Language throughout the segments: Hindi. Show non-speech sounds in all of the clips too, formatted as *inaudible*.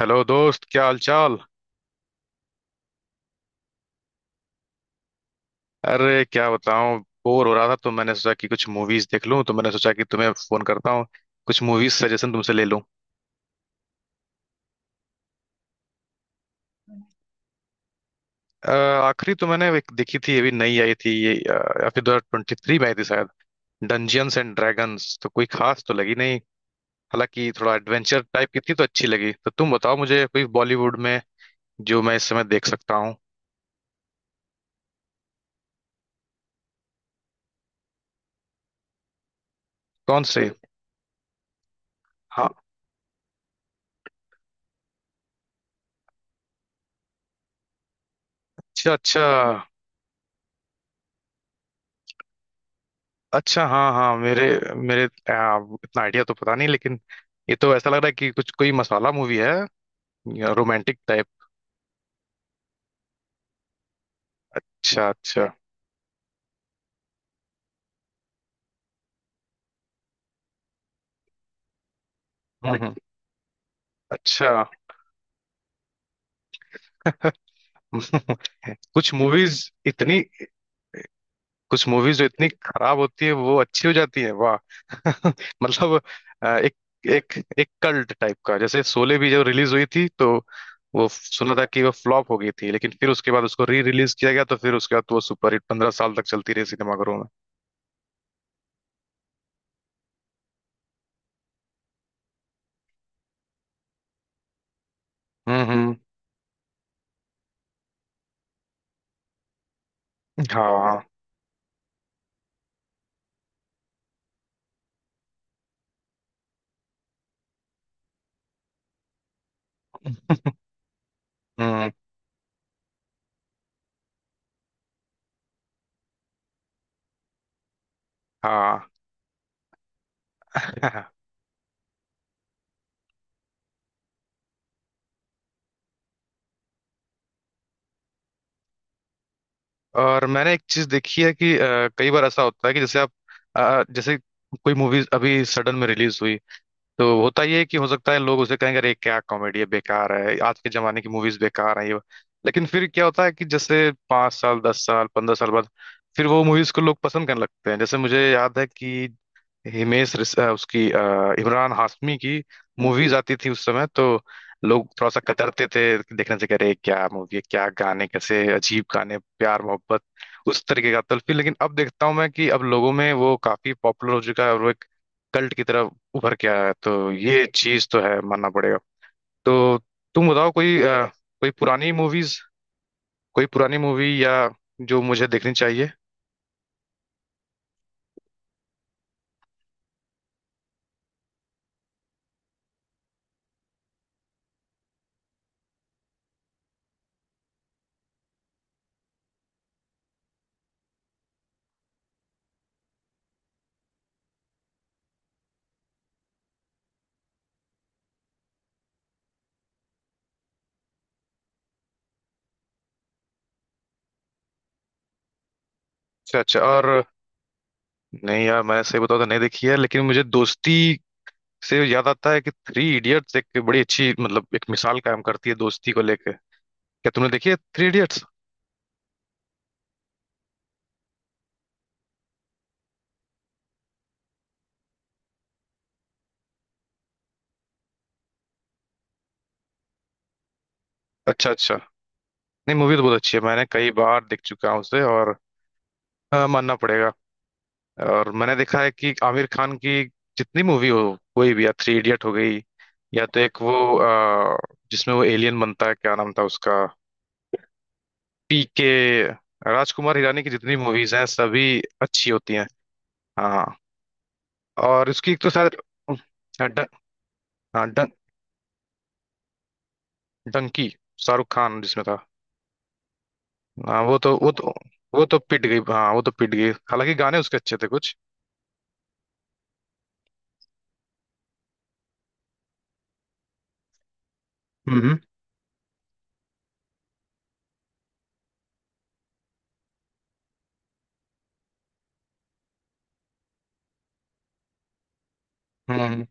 हेलो दोस्त, क्या हाल चाल। अरे क्या बताऊं, बोर हो रहा था तो मैंने सोचा कि कुछ मूवीज देख लूं, तो मैंने सोचा कि तुम्हें फोन करता हूं, कुछ मूवीज सजेशन तुमसे ले लूं। अ, आखिरी तो मैंने एक देखी थी, अभी नई आई थी ये, या फिर 2023 में आई थी शायद, डंजियंस एंड ड्रैगन्स। तो कोई खास तो लगी नहीं, हालांकि थोड़ा एडवेंचर टाइप की थी तो अच्छी लगी। तो तुम बताओ मुझे कोई बॉलीवुड में जो मैं इस समय देख सकता हूँ। कौन से? हाँ। अच्छा अच्छा। अच्छा, हाँ हाँ, मेरे मेरे आ, इतना आइडिया तो पता नहीं, लेकिन ये तो ऐसा लग रहा है कि कुछ कोई मसाला मूवी है, रोमांटिक टाइप। अच्छा अच्छा। हम्म। अच्छा। *laughs* कुछ मूवीज, इतनी, कुछ मूवीज जो इतनी खराब होती है वो अच्छी हो जाती है, वाह। *laughs* मतलब, एक, एक एक कल्ट टाइप का, जैसे शोले भी जब रिलीज हुई थी तो वो सुना था कि वो फ्लॉप हो गई थी, लेकिन फिर उसके बाद उसको री रिलीज किया गया, तो फिर उसके बाद वो सुपर हिट 15 साल तक चलती रही सिनेमाघरों में। हम्म। हाँ। हम्म। हाँ। *laughs* और मैंने एक चीज देखी है कि कई बार ऐसा होता है कि जैसे आप, जैसे कोई मूवी अभी सडन में रिलीज हुई, तो होता ये है कि हो सकता है लोग उसे कहेंगे अरे क्या कॉमेडी है, बेकार है, आज के जमाने की मूवीज बेकार है ये वो।" लेकिन फिर क्या होता है कि जैसे 5 साल, 10 साल, 15 साल बाद फिर वो मूवीज को लोग पसंद करने लगते हैं। जैसे मुझे याद है कि उसकी, इमरान हाशमी की मूवीज आती थी उस समय, तो लोग थोड़ा सा कतरते थे देखने से, कह रहे क्या मूवी है, क्या गाने, कैसे अजीब गाने, प्यार मोहब्बत उस तरीके का तल्फी। लेकिन अब देखता हूँ मैं कि अब लोगों में वो काफी पॉपुलर हो चुका है और वो एक कल्ट की तरह उभर के आया है। तो ये चीज तो है, मानना पड़ेगा। तो तुम बताओ कोई *laughs* कोई पुरानी मूवीज, कोई पुरानी मूवी या जो मुझे देखनी चाहिए। अच्छा अच्छा, और? नहीं यार, मैंने सही बताऊं तो नहीं देखी है, लेकिन मुझे दोस्ती से याद आता है कि थ्री इडियट्स एक बड़ी अच्छी, मतलब एक मिसाल कायम करती है दोस्ती को लेके। क्या तुमने देखी है थ्री इडियट्स? अच्छा अच्छा। नहीं, मूवी तो बहुत अच्छी है, मैंने कई बार देख चुका हूँ उसे। और हाँ, मानना पड़ेगा। और मैंने देखा है कि आमिर खान की जितनी मूवी हो कोई भी, या थ्री इडियट हो गई, या तो एक वो अ, जिसमें वो एलियन बनता है, क्या नाम था उसका? पी के। राजकुमार हिरानी की जितनी मूवीज हैं सभी अच्छी होती हैं। हाँ। और इसकी एक तो शायद, हाँ, हाँ, डंकी, शाहरुख खान जिसमें था। हाँ, वो तो पिट गई, हाँ, वो तो पिट गई, हालांकि गाने उसके अच्छे थे कुछ। हम्म हम्म।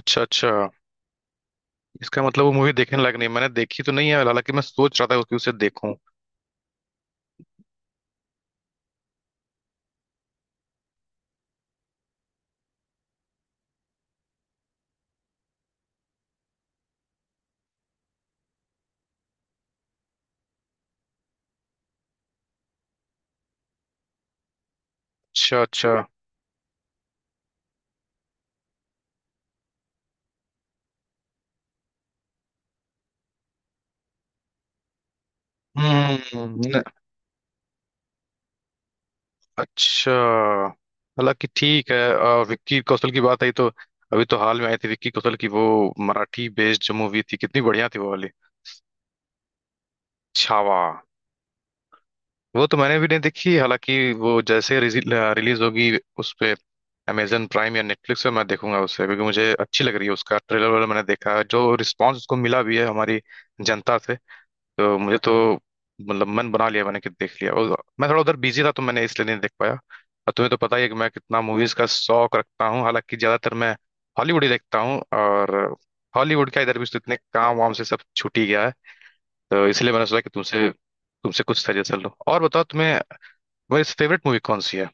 अच्छा अच्छा, इसका मतलब वो मूवी देखने लायक नहीं है। मैंने देखी तो नहीं है, हालांकि मैं सोच रहा था कि उसे देखूं। अच्छा अच्छा। हम्म। अच्छा, हालांकि ठीक है। विक्की कौशल की बात आई तो अभी तो हाल में आई थी विक्की कौशल की वो मराठी बेस्ड जो मूवी थी, कितनी बढ़िया थी वो वाली। छावा। वो तो मैंने भी नहीं देखी, हालांकि वो जैसे रिलीज होगी उस पे अमेजन प्राइम या नेटफ्लिक्स पे मैं देखूंगा उसे, क्योंकि मुझे अच्छी लग रही है, उसका ट्रेलर वगैरह मैंने देखा है, जो रिस्पांस उसको मिला भी है हमारी जनता से। तो मुझे तो, मतलब मन बना लिया मैंने कि देख लिया, और मैं थोड़ा उधर बिजी था तो मैंने इसलिए नहीं देख पाया। और तुम्हें तो पता ही है कि मैं कितना मूवीज का शौक रखता हूँ, हालांकि ज्यादातर मैं हॉलीवुड ही देखता हूँ। और हॉलीवुड का इधर भी तो इतने काम वाम से सब छूट ही गया है। तो इसलिए मैंने सोचा कि तुमसे तुमसे कुछ सजेशन लो, और बताओ तुम्हें वैसे फेवरेट मूवी कौन सी है?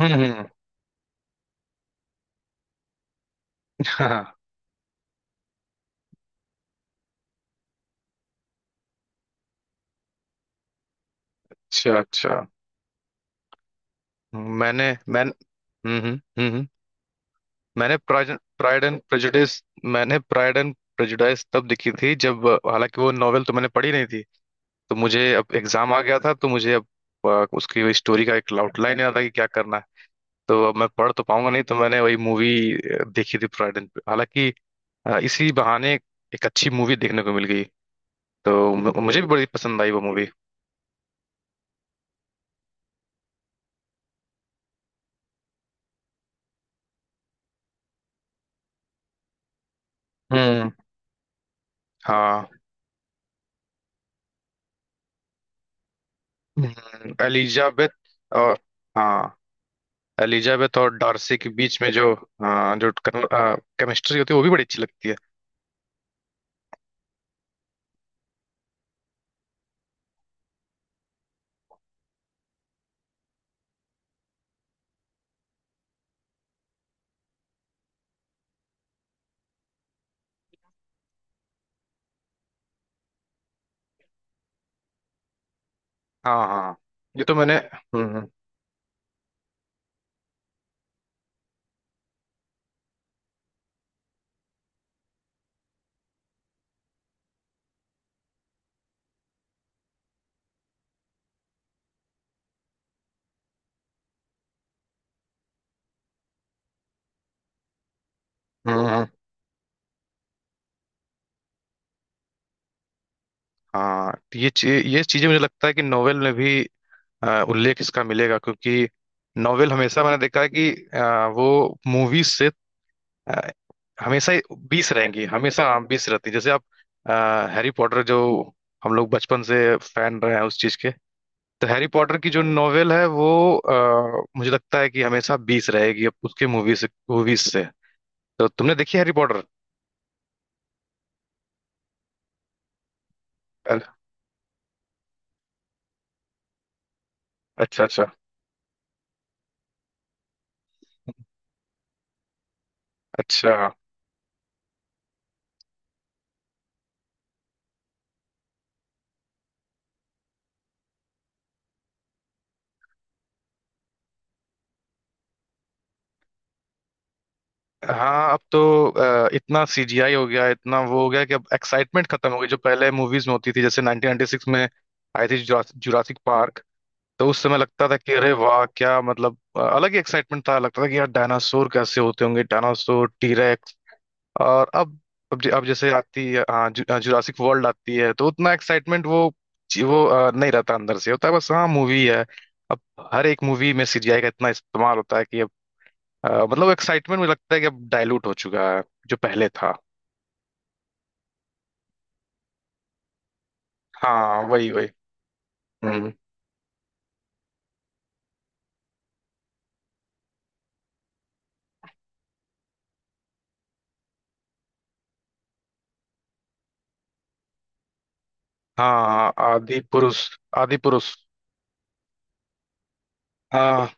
हम्म। हाँ। अच्छा अच्छा। *laughs* मैंने मैंने हम्म हम्म हम्म, हम्म। मैंने प्राइड एंड प्रेजुडिस मैंने प्राइड एंड प्रेजुडिस तब देखी थी, जब हालांकि वो नॉवेल तो मैंने पढ़ी नहीं थी, तो मुझे अब एग्जाम आ गया था, तो मुझे अब उसकी स्टोरी का एक आउटलाइन याद था कि क्या करना है। तो अब मैं पढ़ तो पाऊंगा नहीं, तो मैंने वही मूवी देखी थी पूरा दिन पे। हालांकि इसी बहाने एक अच्छी मूवी देखने को मिल गई, तो मुझे भी बड़ी पसंद आई वो मूवी। हम्म। हाँ। एलिजाबेथ और, हाँ, एलिजाबेथ और डार्सी के बीच में जो, हाँ, जो केमिस्ट्री होती है वो भी बड़ी अच्छी लगती है। हाँ। हाँ ये तो मैंने, हम्म। हम्म। हाँ, तो ये चीज, ये चीजें मुझे लगता है कि नोवेल में भी उल्लेख इसका मिलेगा, क्योंकि नोवेल हमेशा मैंने देखा है कि वो मूवीज से अ, हमेशा ही बीस रहेंगी हमेशा। हाँ, बीस रहती है। जैसे आप हैरी पॉटर, जो हम लोग बचपन से फैन रहे हैं उस चीज के, तो हैरी पॉटर की जो नोवेल है वो मुझे लगता है कि हमेशा बीस रहेगी अब उसके मूवीज मूवीज से। तो तुमने देखी हैरी पॉटर? अच्छा। अच्छा। अच्छा। हाँ, अब तो इतना सीजीआई हो गया, इतना वो हो गया कि अब एक्साइटमेंट खत्म हो गई जो पहले मूवीज में होती थी। जैसे 1996 में आई थी जुरासिक पार्क, तो उस समय लगता था कि अरे वाह, क्या मतलब, अलग ही एक्साइटमेंट था, लगता था कि यार डायनासोर कैसे होते होंगे, डायनासोर टीरेक्स। और अब जैसे आती है, हाँ जुरासिक वर्ल्ड आती है तो उतना एक्साइटमेंट वो नहीं रहता, अंदर से होता है बस, हाँ मूवी है। अब हर एक मूवी में सीजीआई का इतना इस्तेमाल होता है कि मतलब एक्साइटमेंट मुझे लगता है कि अब डाइल्यूट हो चुका है जो पहले था। हाँ, वही वही। हम्म। हाँ, आदि पुरुष, आदि पुरुष। हाँ।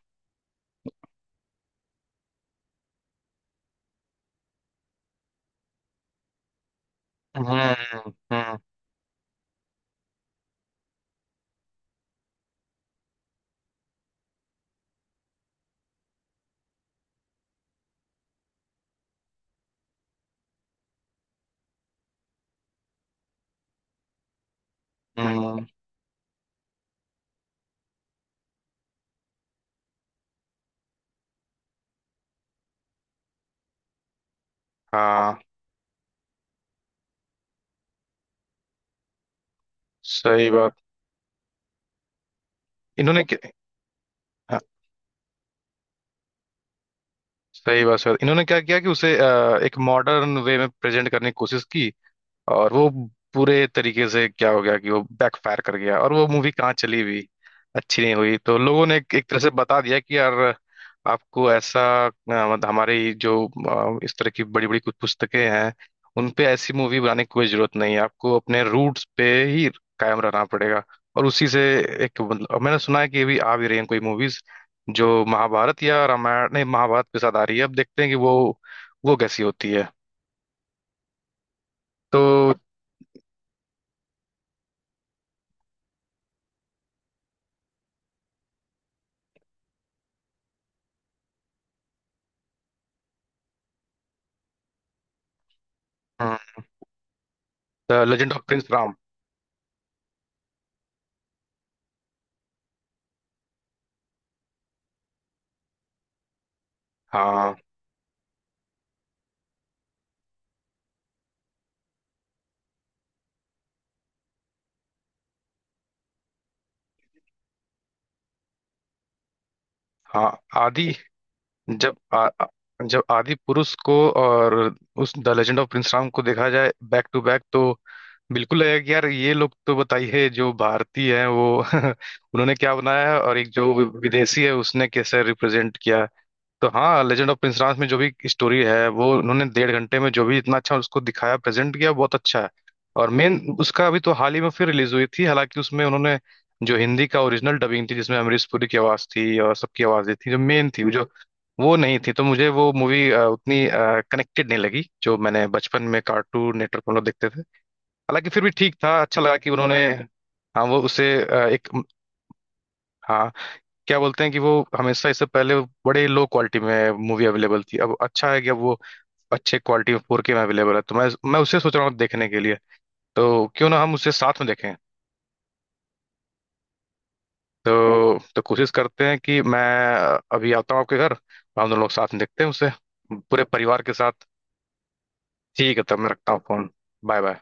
हम्म हम्म। हम्म, हाँ, सही बात। इन्होंने क्या, हाँ, सही बात। सर, इन्होंने क्या किया कि उसे एक मॉडर्न वे में प्रेजेंट करने की कोशिश की, और वो पूरे तरीके से क्या हो गया कि वो बैकफायर कर गया, और वो मूवी कहाँ चली भी, अच्छी नहीं हुई। तो लोगों ने एक एक तरह से बता दिया कि यार आपको ऐसा, मतलब हमारी जो इस तरह की बड़ी बड़ी कुछ पुस्तकें हैं उन पे ऐसी मूवी बनाने की कोई जरूरत नहीं है, आपको अपने रूट्स पे ही कायम रहना पड़ेगा। और उसी से एक, मतलब मैंने सुना है कि अभी आ भी रही हैं कोई मूवीज जो महाभारत, या रामायण नहीं, महाभारत के साथ आ रही है, अब देखते हैं कि वो कैसी होती है। तो लेजेंड ऑफ प्रिंस। हाँ हाँ। आदि। जब आ, आ- जब आदि पुरुष को और उस the legend of prince Ram को देखा जाए बैक टू बैक, तो बिल्कुल लगेगा कि यार ये लोग, तो बताइए, जो भारतीय हैं वो *laughs* उन्होंने क्या बनाया है, और एक जो विदेशी है उसने कैसे रिप्रेजेंट किया। तो हाँ, लेजेंड ऑफ प्रिंस में जो भी स्टोरी है वो उन्होंने डेढ़ घंटे में जो भी इतना अच्छा उसको दिखाया, प्रेजेंट किया, बहुत अच्छा है। और मेन उसका अभी तो हाल ही में फिर रिलीज हुई थी, हालांकि उसमें उन्होंने जो हिंदी का ओरिजिनल डबिंग थी जिसमें अमरीश पुरी की आवाज थी और सबकी आवाज थी जो मेन थी, जो वो नहीं थी, तो मुझे वो मूवी उतनी कनेक्टेड नहीं लगी जो मैंने बचपन में कार्टून नेटवर्क पर हम लोग देखते थे। हालांकि फिर भी ठीक था, अच्छा लगा कि उन्होंने, हाँ वो उसे एक, हाँ, क्या बोलते हैं कि वो हमेशा, इससे पहले वो बड़े लो क्वालिटी में मूवी अवेलेबल थी, अब अच्छा है कि अब वो अच्छे क्वालिटी में 4K में अवेलेबल है, तो मैं उसे सोच रहा हूँ देखने के लिए, तो क्यों ना हम उसे साथ में देखें। कोशिश करते हैं कि मैं अभी आता हूँ आपके घर, और हम दोनों लोग साथ में देखते हैं उसे, पूरे परिवार के साथ। ठीक है, तब मैं रखता हूँ फोन। Bye bye.